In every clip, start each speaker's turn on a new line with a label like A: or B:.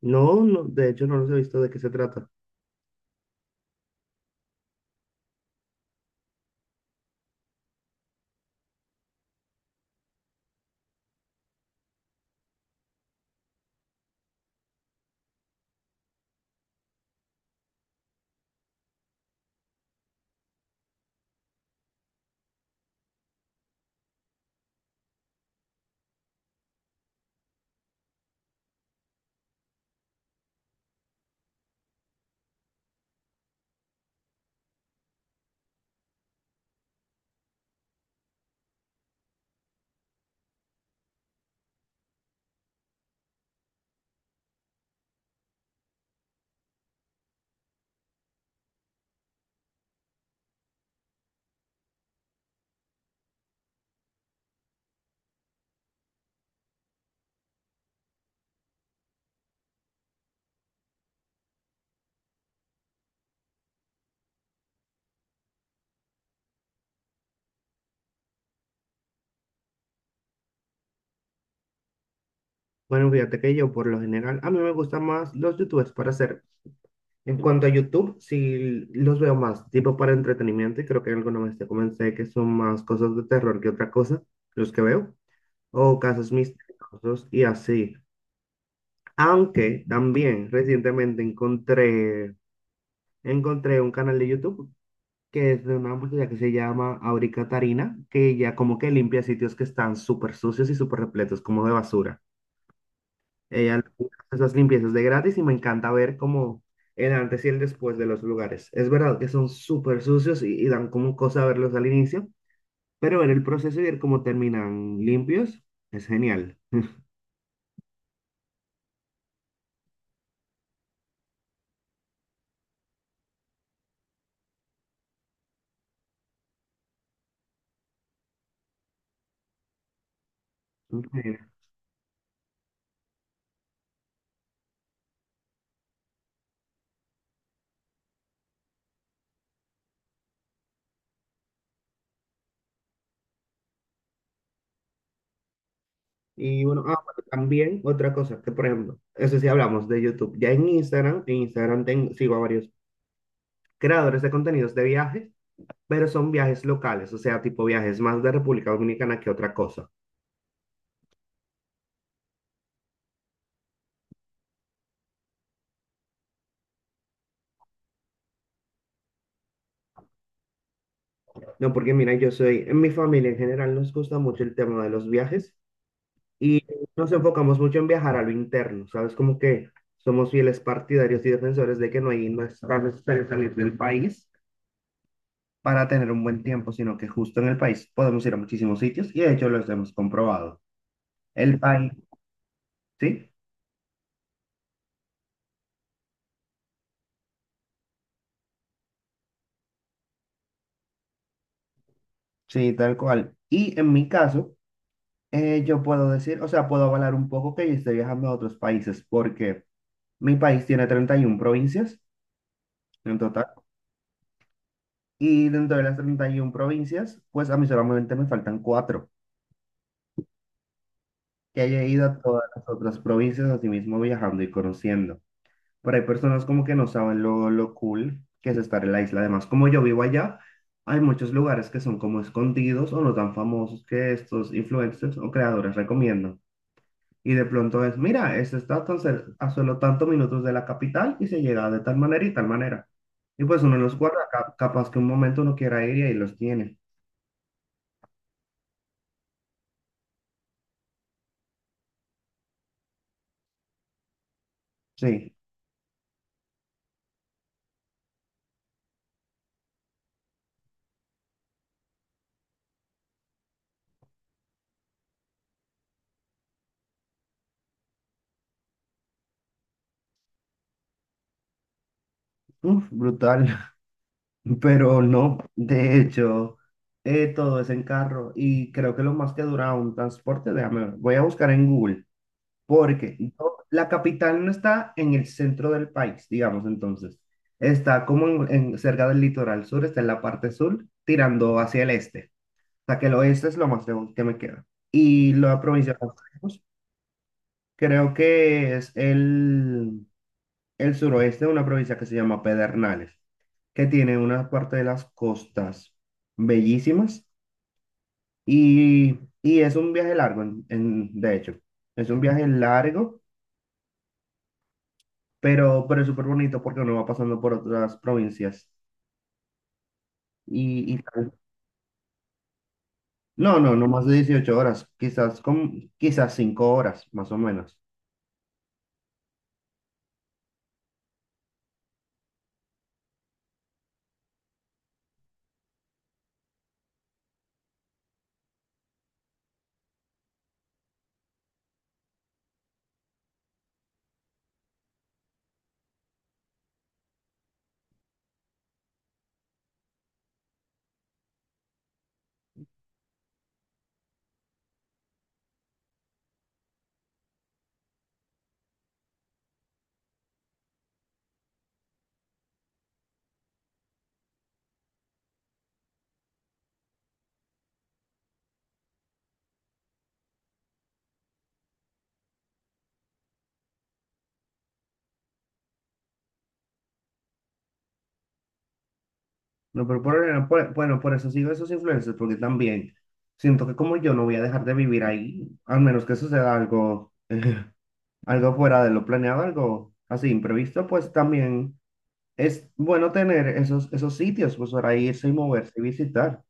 A: No, no, de hecho no los he visto de qué se trata. Bueno, fíjate que yo por lo general, a mí me gustan más los YouTubers para hacer. En cuanto a YouTube, sí los veo más, tipo para entretenimiento, y creo que alguna vez te comenté que son más cosas de terror que otra cosa, los que veo, o casos misteriosos y así. Aunque también recientemente encontré un canal de YouTube que es de una muchacha que se llama Aurica Tarina, que ella como que limpia sitios que están súper sucios y súper repletos como de basura. Ella hace esas limpiezas de gratis y me encanta ver como el antes y el después de los lugares. Es verdad que son súper sucios y dan como cosa verlos al inicio, pero ver el proceso y ver cómo terminan limpios es genial. Increíble. Y bueno, ah, bueno, también otra cosa, que por ejemplo, eso sí hablamos de YouTube. Ya en Instagram tengo, sigo a varios creadores de contenidos de viajes, pero son viajes locales, o sea, tipo viajes más de República Dominicana que otra cosa. No, porque mira, yo soy, en mi familia en general nos gusta mucho el tema de los viajes y nos enfocamos mucho en viajar a lo interno, ¿sabes? Como que somos fieles partidarios y defensores de que no es tan necesario salir del país para tener un buen tiempo, sino que justo en el país podemos ir a muchísimos sitios y de hecho los hemos comprobado. El país, ¿sí? Sí, tal cual. Y en mi caso, yo puedo decir, o sea, puedo avalar un poco que yo esté viajando a otros países porque mi país tiene 31 provincias. En total. Y dentro de las 31 provincias, pues a mí solamente me faltan cuatro, que haya ido a todas las otras provincias, así mismo viajando y conociendo. Pero hay personas como que no saben lo cool que es estar en la isla. Además, como yo vivo allá, hay muchos lugares que son como escondidos o no tan famosos que estos influencers o creadores recomiendan. Y de pronto es, mira, este está tan a solo tantos minutos de la capital y se llega de tal manera. Y pues uno los guarda, capaz que un momento uno quiera ir y ahí los tiene. Sí. Uf, brutal, pero no, de hecho, todo es en carro y creo que lo más que dura un transporte, déjame ver, voy a buscar en Google, porque la capital no está en el centro del país, digamos entonces, está como cerca del litoral sur, está en la parte sur, tirando hacia el este, o sea que el oeste es lo más lejos que me queda. Y la provincia más lejos, creo que es el suroeste de una provincia que se llama Pedernales, que tiene una parte de las costas bellísimas y es un viaje largo, de hecho, es un viaje largo, pero es súper bonito porque uno va pasando por otras provincias y tal. No, no, no más de 18 horas, quizás, quizás 5 horas, más o menos. No, pero bueno, por eso sigo esos influencers, porque también siento que como yo no voy a dejar de vivir ahí, al menos que suceda algo fuera de lo planeado, algo así imprevisto, pues también es bueno tener esos sitios, pues para irse y moverse y visitar.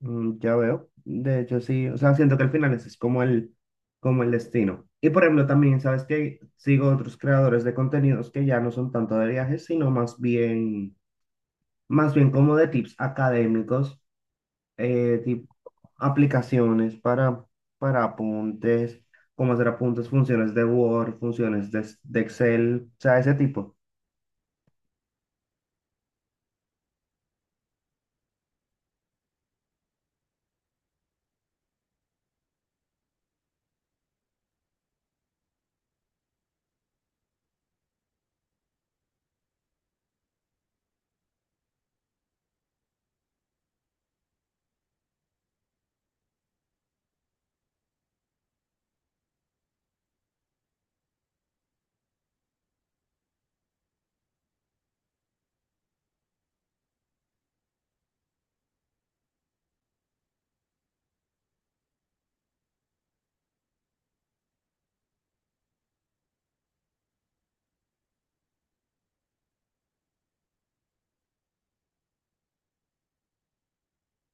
A: Mm, ya veo. De hecho, sí, o sea, siento que al final ese es como el destino. Y por ejemplo, también, ¿sabes que sigo otros creadores de contenidos que ya no son tanto de viajes, sino más bien como de tips académicos tipo, aplicaciones para apuntes, cómo hacer apuntes, funciones de Word, funciones de Excel, o sea, ese tipo.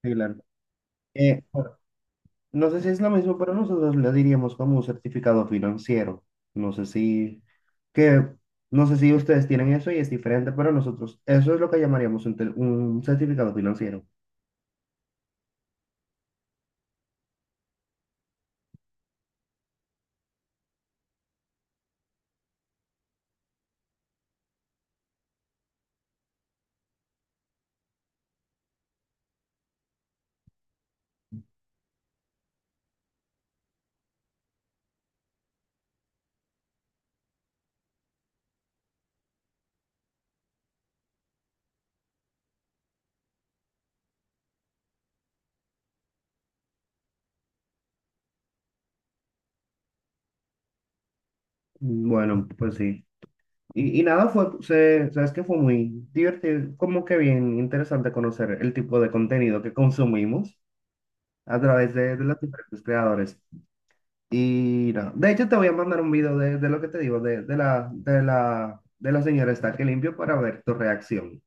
A: Sí, claro. Bueno, no sé si es lo mismo, pero nosotros le diríamos como un certificado financiero. No sé si, que, no sé si ustedes tienen eso y es diferente, pero nosotros, eso es lo que llamaríamos un certificado financiero. Bueno, pues sí. Y nada, sabes que fue muy divertido, como que bien interesante conocer el tipo de contenido que consumimos a través de los diferentes creadores. Y nada, de hecho te voy a mandar un video de lo que te digo, de la señora está que limpio para ver tu reacción.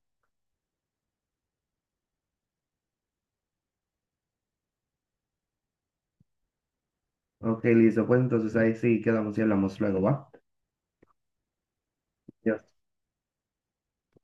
A: Ok, listo, pues entonces ahí sí quedamos y hablamos luego, ¿va? Ya